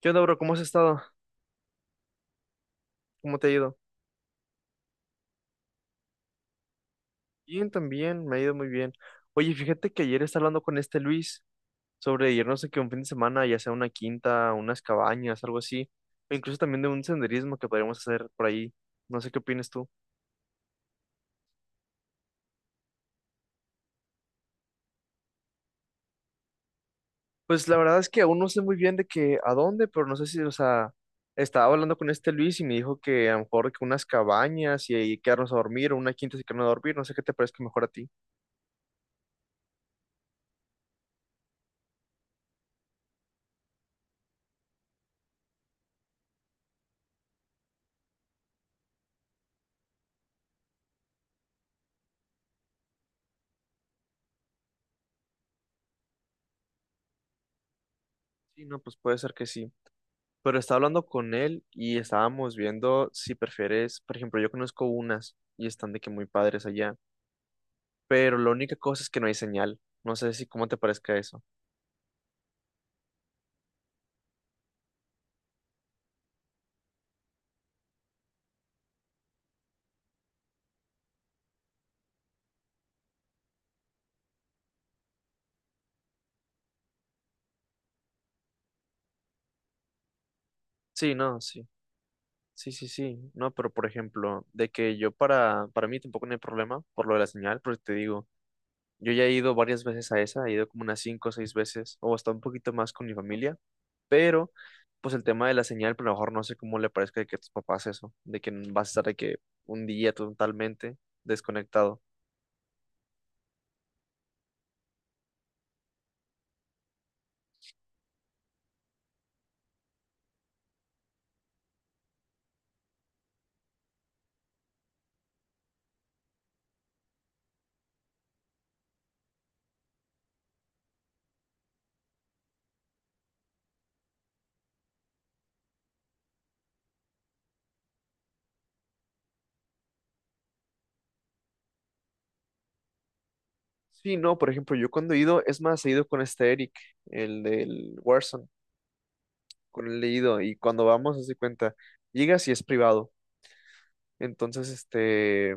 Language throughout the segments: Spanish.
¿Qué onda, bro? ¿Cómo has estado? ¿Cómo te ha ido? Bien, también, me ha ido muy bien. Oye, fíjate que ayer estaba hablando con este Luis sobre irnos aquí un fin de semana, ya sea una quinta, unas cabañas, algo así, o incluso también de un senderismo que podríamos hacer por ahí. No sé qué opinas tú. Pues la verdad es que aún no sé muy bien de que a dónde, pero no sé si, o sea, estaba hablando con este Luis y me dijo que a lo mejor que unas cabañas y ahí quedarnos a dormir, o una quinta y quedarnos a dormir, no sé qué te parezca mejor a ti. Sí, no, pues puede ser que sí. Pero estaba hablando con él y estábamos viendo si prefieres, por ejemplo, yo conozco unas y están de que muy padres allá, pero la única cosa es que no hay señal. No sé si cómo te parezca eso. Sí, no, sí. Sí, sí, sí. No, pero por ejemplo, de que yo para mí tampoco no hay problema por lo de la señal, porque te digo, yo ya he ido varias veces a esa, he ido como unas cinco o seis veces, o hasta un poquito más con mi familia, pero pues el tema de la señal, pero a lo mejor no sé cómo le parezca de que a tus papás eso, de que vas a estar de que un día totalmente desconectado. Sí, no, por ejemplo, yo cuando he ido, es más, he ido con este Eric, el del Warzone, con él he ido, y cuando vamos, haz de cuenta, llegas y es privado, entonces, este,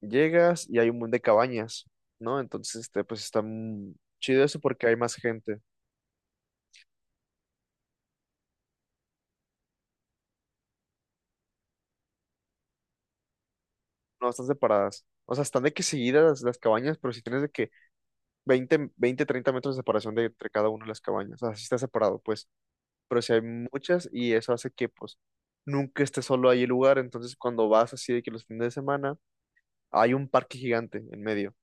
llegas y hay un montón de cabañas, ¿no? Entonces, este, pues está chido eso porque hay más gente. No están separadas. O sea, están de que seguidas las cabañas, pero si tienes de que veinte 30 metros de separación de entre cada una de las cabañas. O sea, sí está separado, pues. Pero si hay muchas y eso hace que, pues, nunca esté solo ahí el lugar. Entonces, cuando vas así de que los fines de semana, hay un parque gigante en medio.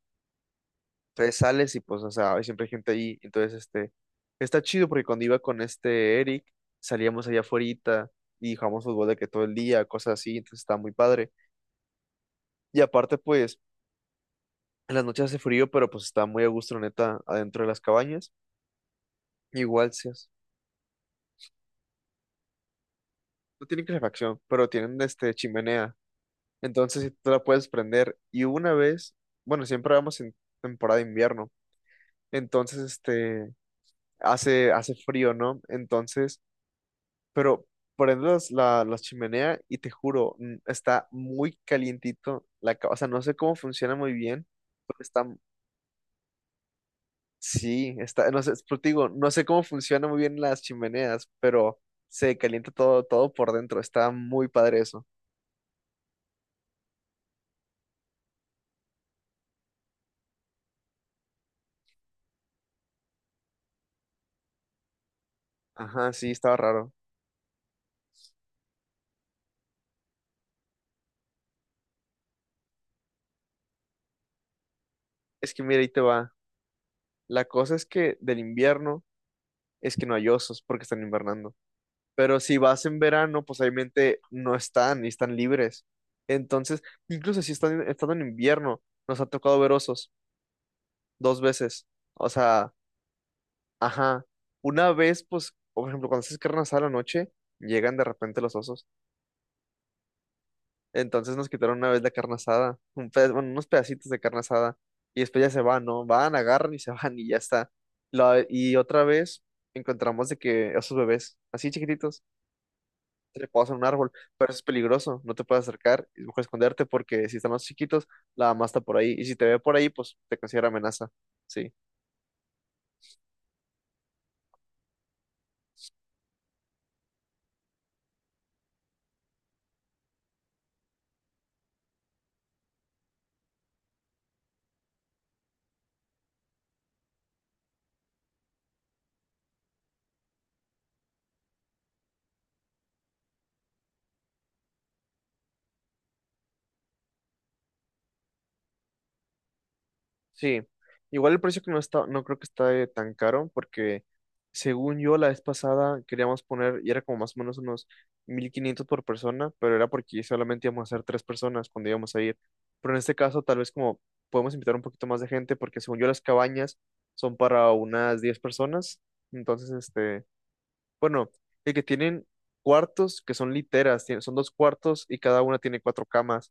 Entonces sales y, pues, o sea, hay siempre gente ahí. Entonces, este, está chido porque cuando iba con este Eric, salíamos allá afuera y jugamos fútbol de que todo el día, cosas así. Entonces, está muy padre. Y aparte, pues en las noches hace frío, pero pues está muy a gusto, la neta, adentro de las cabañas. Igual, no tienen calefacción, pero tienen este chimenea. Entonces, sí, tú la puedes prender. Y una vez, bueno, siempre vamos en temporada de invierno. Entonces, este, hace frío, ¿no? Entonces, pero prendes la chimenea y te juro, está muy calientito O sea, no sé cómo funciona muy bien, pero está sí, está, no sé, te digo, no sé cómo funcionan muy bien las chimeneas, pero se calienta todo, todo por dentro. Está muy padre eso. Ajá, sí, estaba raro. Es que mira, ahí te va. La cosa es que del invierno es que no hay osos porque están invernando. Pero si vas en verano, pues obviamente no están y están libres. Entonces, incluso si están estando en invierno, nos ha tocado ver osos dos veces. O sea, ajá. Una vez, pues, por ejemplo, cuando haces carne asada a la noche, llegan de repente los osos. Entonces nos quitaron una vez la carne asada, bueno, unos pedacitos de carne asada, y después ya se van, ¿no? Van, agarran y se van y ya está. Y otra vez encontramos de que esos bebés, así chiquititos, se le pasan un árbol, pero eso es peligroso, no te puedes acercar, es mejor esconderte porque si están más chiquitos, la mamá está por ahí, y si te ve por ahí, pues te considera amenaza, sí. Sí, igual el precio que no está, no creo que está tan caro, porque según yo la vez pasada queríamos poner, y era como más o menos unos 1,500 por persona, pero era porque solamente íbamos a ser tres personas cuando íbamos a ir. Pero en este caso tal vez como podemos invitar un poquito más de gente, porque según yo las cabañas son para unas 10 personas. Entonces, este, bueno, el que tienen cuartos que son literas, son dos cuartos y cada una tiene cuatro camas.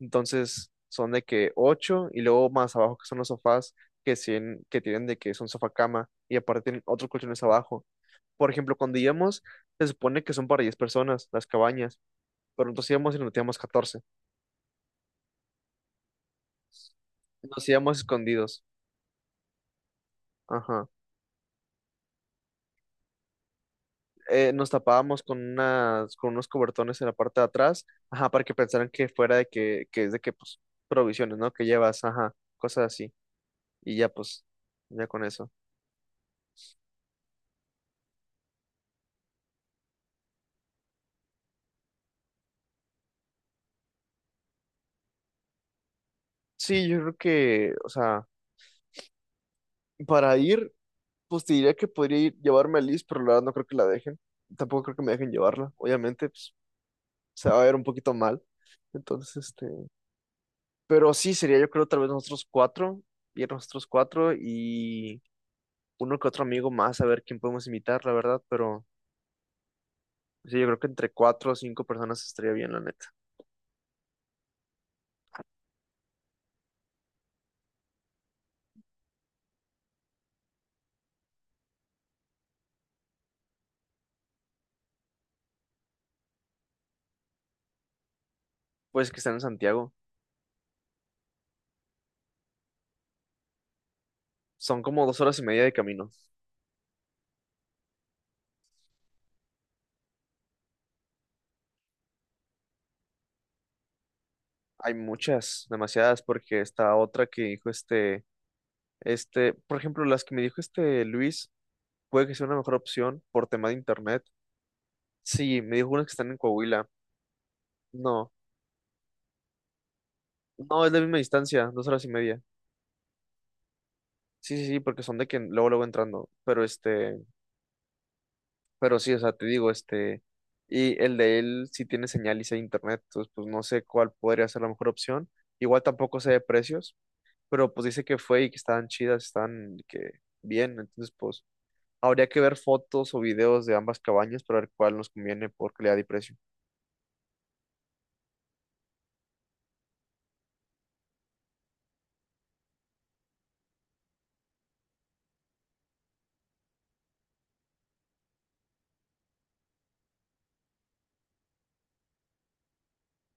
Entonces son de que ocho y luego más abajo que son los sofás que, que tienen de que son sofá cama y aparte tienen otros colchones abajo. Por ejemplo, cuando íbamos, se supone que son para 10 personas las cabañas, pero nosotros íbamos y nos metíamos 14. Nos íbamos escondidos. Ajá. Nos tapábamos con unas, con unos cobertones en la parte de atrás, ajá, para que pensaran que fuera de que es de que, pues, provisiones, ¿no? Que llevas, ajá, cosas así. Y ya, pues, ya con eso. Sí, yo creo que, o sea, para ir pues te diría que podría llevarme a Liz, pero la verdad no creo que la dejen. Tampoco creo que me dejen llevarla. Obviamente, pues, se va a ver un poquito mal. Entonces, este. Pero sí, sería yo creo tal vez nosotros cuatro. Ir nosotros cuatro y uno que otro amigo más a ver quién podemos invitar, la verdad. Pero sí, yo creo que entre cuatro o cinco personas estaría bien, la neta. Pues que están en Santiago. Son como 2 horas y media de camino. Hay muchas, demasiadas, porque esta otra que dijo este. Este, por ejemplo, las que me dijo este Luis. Puede que sea una mejor opción por tema de internet. Sí, me dijo unas que están en Coahuila. No, no, es la misma distancia, 2 horas y media. Sí, sí, sí, porque son de que luego, luego entrando. Pero sí, o sea, te digo, este, y el de él sí tiene señal y sí hay internet, entonces pues no sé cuál podría ser la mejor opción. Igual tampoco sé de precios, pero pues dice que fue y que estaban chidas, estaban que bien, entonces pues habría que ver fotos o videos de ambas cabañas para ver cuál nos conviene por calidad y precio.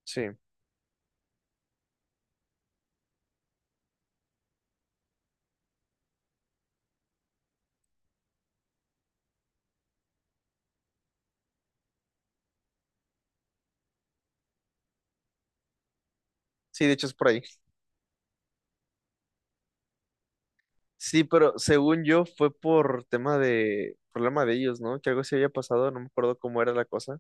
Sí, sí, de hecho es por ahí. Sí, pero según yo fue por tema de problema de ellos, ¿no? Que algo se había pasado, no me acuerdo cómo era la cosa.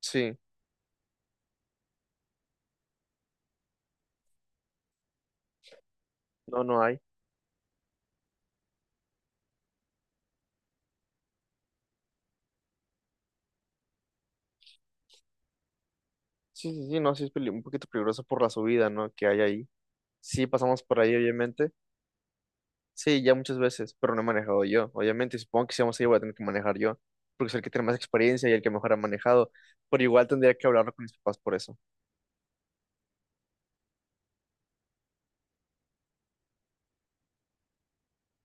Sí, no, no hay. Sí, sí, sí, no, sí es un poquito peligroso por la subida, ¿no? Que hay ahí. Sí, pasamos por ahí, obviamente. Sí, ya muchas veces, pero no he manejado yo, obviamente. Y supongo que si vamos ahí voy a tener que manejar yo, porque es el que tiene más experiencia y el que mejor ha manejado. Pero igual tendría que hablarlo con mis papás por eso.